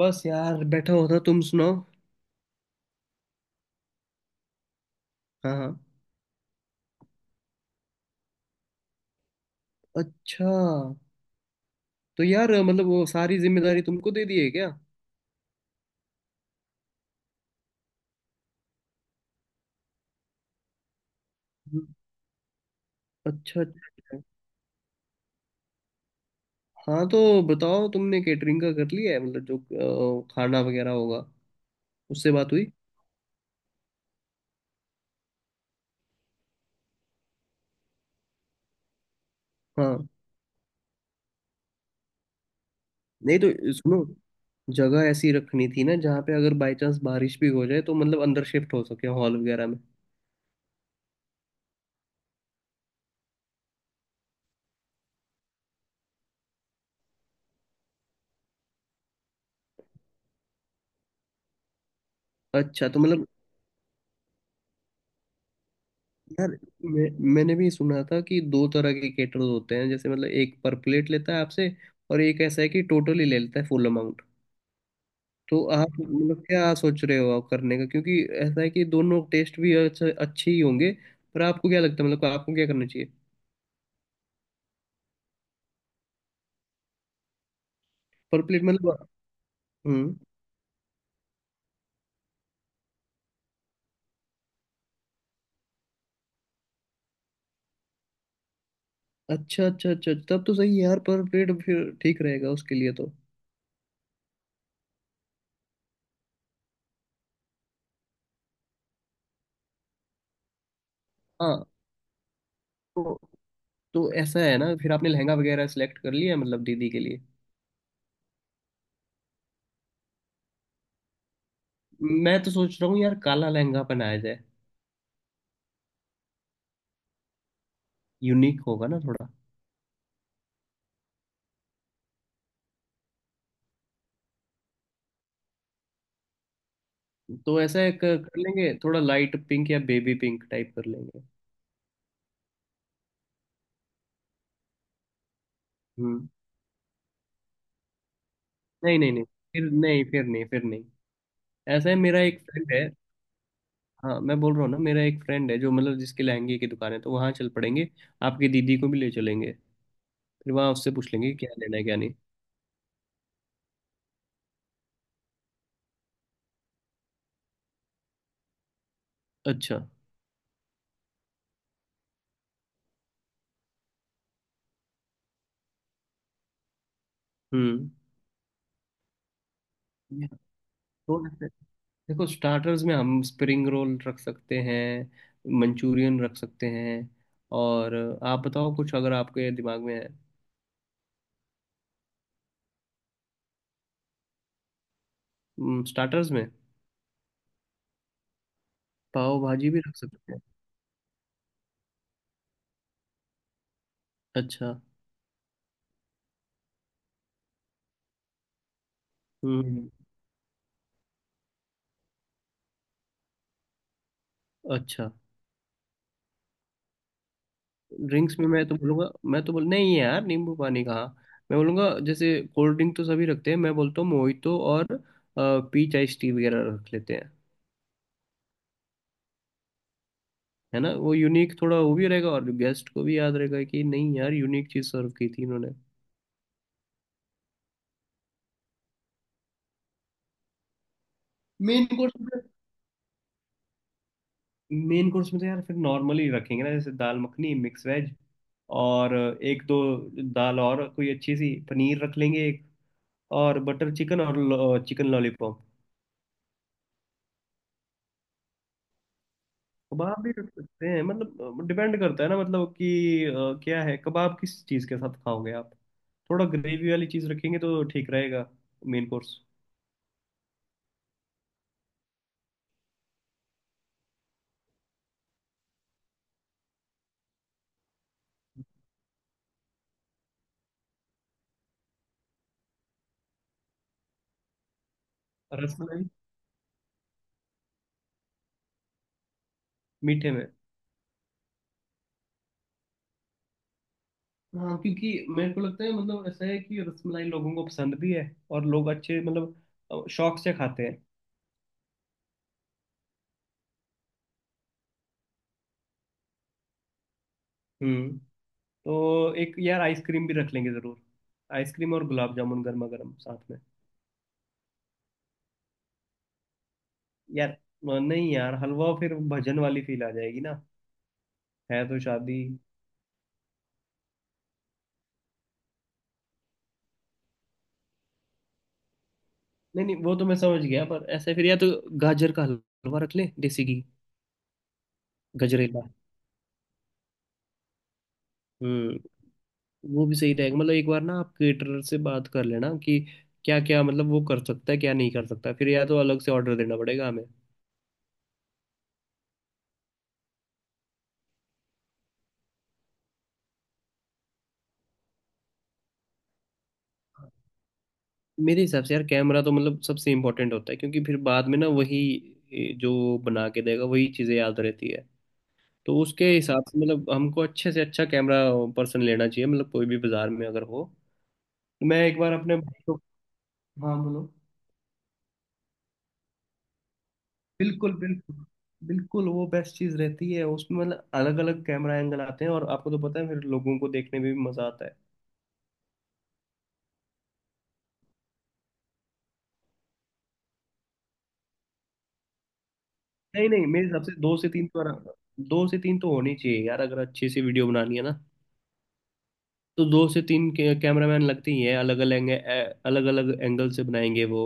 बस यार बैठा होता। तुम सुनाओ। हाँ हाँ। अच्छा। तो यार मतलब वो सारी जिम्मेदारी तुमको दे दी है क्या। हम्म। अच्छा अच्छा। हाँ तो बताओ, तुमने केटरिंग का कर लिया है मतलब जो खाना वगैरह होगा? उससे बात हुई? हाँ। नहीं तो सुनो, जगह ऐसी रखनी थी ना जहाँ पे अगर बाई चांस बारिश भी हो जाए तो मतलब अंदर शिफ्ट हो सके हॉल वगैरह में। अच्छा तो मतलब यार, मैंने भी सुना था कि दो तरह के केटर्स होते हैं। जैसे मतलब एक पर प्लेट लेता है आपसे, और एक ऐसा है कि टोटली ले लेता है फुल अमाउंट। तो आप मतलब क्या सोच रहे हो आप करने का? क्योंकि ऐसा है कि दोनों टेस्ट भी अच्छे ही होंगे। पर आपको क्या लगता है मतलब आपको क्या करना चाहिए? पर प्लेट मतलब? हम्म। अच्छा अच्छा अच्छा अच्छा, तब तो सही है यार। पर प्लेट फिर ठीक रहेगा उसके लिए तो। हाँ तो तो ऐसा है ना, फिर आपने लहंगा वगैरह सेलेक्ट कर लिया मतलब दीदी के लिए? मैं तो सोच रहा हूँ यार काला लहंगा पहनाया जाए। यूनिक होगा ना थोड़ा। तो ऐसा एक कर लेंगे, थोड़ा लाइट पिंक या बेबी पिंक टाइप कर लेंगे। हम्म। नहीं नहीं नहीं। फिर नहीं फिर नहीं फिर नहीं। ऐसा है मेरा एक फ्रेंड है। हाँ मैं बोल रहा हूँ ना, मेरा एक फ्रेंड है जो मतलब जिसके लहंगे की दुकान है, तो वहाँ चल पड़ेंगे। आपकी दीदी को भी ले चलेंगे। फिर वहाँ उससे पूछ लेंगे कि क्या लेना है क्या नहीं। अच्छा। हम्म। तो ऐसे- देखो, स्टार्टर्स में हम स्प्रिंग रोल रख सकते हैं, मंचूरियन रख सकते हैं। और आप बताओ कुछ अगर आपके दिमाग में है। स्टार्टर्स में? पाव भाजी भी रख सकते हैं। अच्छा। हम्म। अच्छा। ड्रिंक्स में मैं तो बोल नहीं यार नींबू पानी कहाँ। मैं बोलूँगा जैसे, कोल्ड ड्रिंक तो सभी रखते हैं, मैं बोलता हूँ मोहितो और पीच आइस टी वगैरह रख लेते हैं। है ना, वो यूनिक थोड़ा वो भी रहेगा, और गेस्ट को भी याद रहेगा कि नहीं यार यूनिक चीज़ सर्व की थी इन्होंने। मेन कोर्स में? मेन कोर्स में तो यार फिर नॉर्मली रखेंगे ना, जैसे दाल मखनी, मिक्स वेज, और एक दो दाल, और कोई अच्छी सी पनीर रख लेंगे, और बटर चिकन और चिकन लॉलीपॉप। कबाब भी रख सकते हैं, मतलब डिपेंड करता है ना, मतलब कि क्या है, कबाब किस चीज़ के साथ खाओगे आप। थोड़ा ग्रेवी वाली चीज़ रखेंगे तो ठीक रहेगा मेन कोर्स। रसमलाई। मीठे में। हाँ, क्योंकि मेरे को लगता है मतलब ऐसा है कि रसमलाई लोगों को पसंद भी है, और लोग अच्छे मतलब शौक से खाते हैं। हम्म। तो एक यार आइसक्रीम भी रख लेंगे ज़रूर। आइसक्रीम और गुलाब जामुन गर्मा गर्म साथ में। यार नहीं यार, हलवा फिर भजन वाली फील आ जाएगी ना। है तो शादी। नहीं नहीं, वो तो मैं समझ गया, पर ऐसे फिर या तो गाजर का हलवा रख ले देसी घी। गजरेला। हम्म। वो भी सही रहेगा। मतलब एक बार ना आप केटरर से बात कर लेना कि क्या क्या मतलब वो कर सकता है क्या नहीं कर सकता, फिर या तो अलग से ऑर्डर देना पड़ेगा हमें। मेरे हिसाब से यार कैमरा तो मतलब सबसे इम्पोर्टेंट होता है, क्योंकि फिर बाद में ना वही जो बना के देगा वही चीज़ें याद रहती है। तो उसके हिसाब से मतलब हमको अच्छे से अच्छा कैमरा पर्सन लेना चाहिए, मतलब कोई भी बाजार में अगर हो। मैं एक बार अपने भाई को। हाँ बोलो। बिल्कुल बिल्कुल। बिल्कुल वो बेस्ट चीज रहती है उसमें, मतलब अलग अलग कैमरा एंगल आते हैं, और आपको तो पता है फिर लोगों को देखने में भी मजा आता है। नहीं नहीं, मेरे हिसाब से दो से तीन तो आराम। दो से तीन तो होनी चाहिए यार, अगर अच्छी सी वीडियो बनानी है ना। तो दो से तीन के कैमरामैन लगते ही हैं अलग अलग। अलग अलग एंगल से बनाएंगे वो।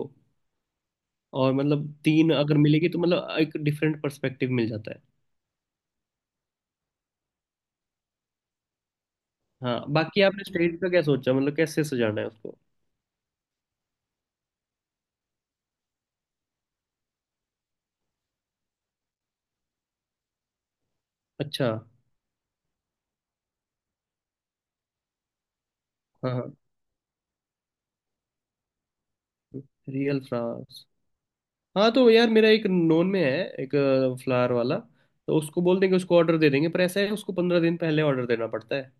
और मतलब तीन अगर मिलेगी तो मतलब एक डिफरेंट पर्सपेक्टिव मिल जाता है। हाँ, बाकी आपने स्टेज का क्या सोचा मतलब कैसे सजाना है उसको? अच्छा। हाँ हाँ। Real France. हाँ तो यार मेरा एक नोन में है, एक फ्लावर वाला। तो उसको बोल देंगे, उसको ऑर्डर दे देंगे, पर ऐसा है उसको 15 दिन पहले ऑर्डर देना पड़ता है।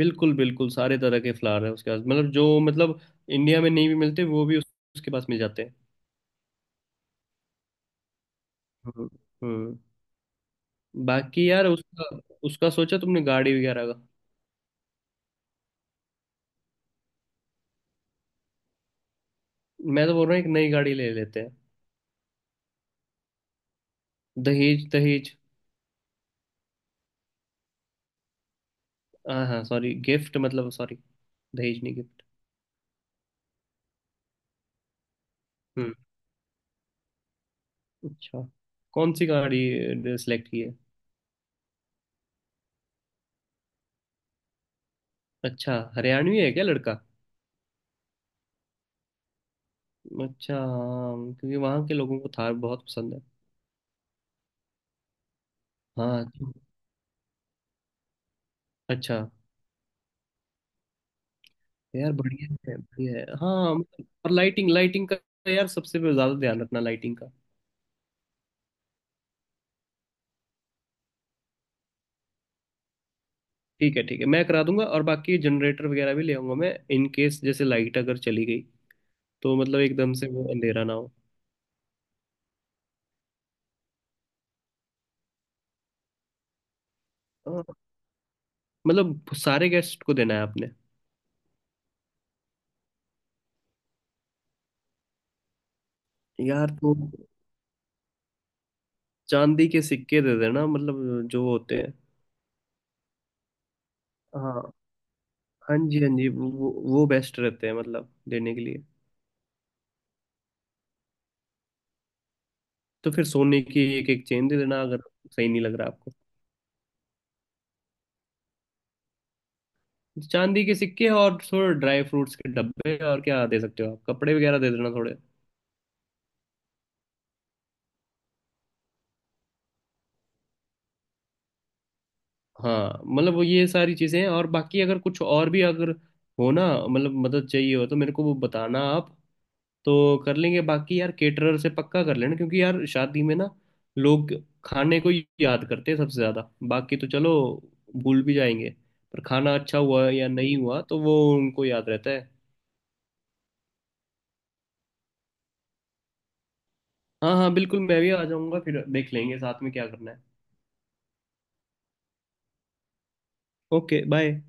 बिल्कुल बिल्कुल, सारे तरह के फ्लावर है उसके पास, मतलब जो मतलब इंडिया में नहीं भी मिलते वो भी उसके पास मिल जाते हैं। हम्म। हम्म। बाकी यार उसका, उसका सोचा तुमने गाड़ी वगैरह का? मैं तो बोल रहा हूँ एक नई गाड़ी ले लेते हैं। दहेज दहेज। हाँ हाँ सॉरी, गिफ्ट मतलब, सॉरी दहेज नहीं, गिफ्ट। हम्म। अच्छा, कौन सी गाड़ी सिलेक्ट की है? अच्छा, हरियाणवी है क्या लड़का? अच्छा हाँ, क्योंकि वहाँ के लोगों को थार बहुत पसंद है। हाँ। अच्छा। यार बढ़िया है बढ़िया है। हाँ मतलब- और लाइटिंग, लाइटिंग का यार सबसे ज़्यादा ध्यान रखना, लाइटिंग का। ठीक है ठीक है, मैं करा दूंगा। और बाकी जनरेटर वगैरह भी ले आऊंगा मैं इन केस जैसे लाइट अगर चली गई, तो मतलब एकदम से वो अंधेरा ना हो। हाँ, मतलब सारे गेस्ट को देना है आपने? यार तो चांदी के सिक्के दे देना, मतलब जो होते हैं। हाँ। हाँ जी हाँ जी, वो बेस्ट रहते हैं मतलब देने के लिए। तो फिर सोने की एक एक चेन दे देना अगर। सही नहीं लग रहा आपको? तो चांदी के सिक्के और थोड़े ड्राई फ्रूट्स के डब्बे। और क्या दे सकते हो आप, कपड़े वगैरह दे देना थोड़े। हाँ मतलब वो ये सारी चीजें हैं, और बाकी अगर कुछ और भी अगर हो ना मतलब मदद चाहिए हो तो मेरे को वो बताना आप, तो कर लेंगे। बाकी यार केटरर से पक्का कर लेना, क्योंकि यार शादी में ना लोग खाने को ही याद करते हैं सबसे ज्यादा। बाकी तो चलो भूल भी जाएंगे, पर खाना अच्छा हुआ या नहीं हुआ तो वो उनको याद रहता है। हाँ हाँ बिल्कुल, मैं भी आ जाऊंगा, फिर देख लेंगे साथ में क्या करना है। Okay bye.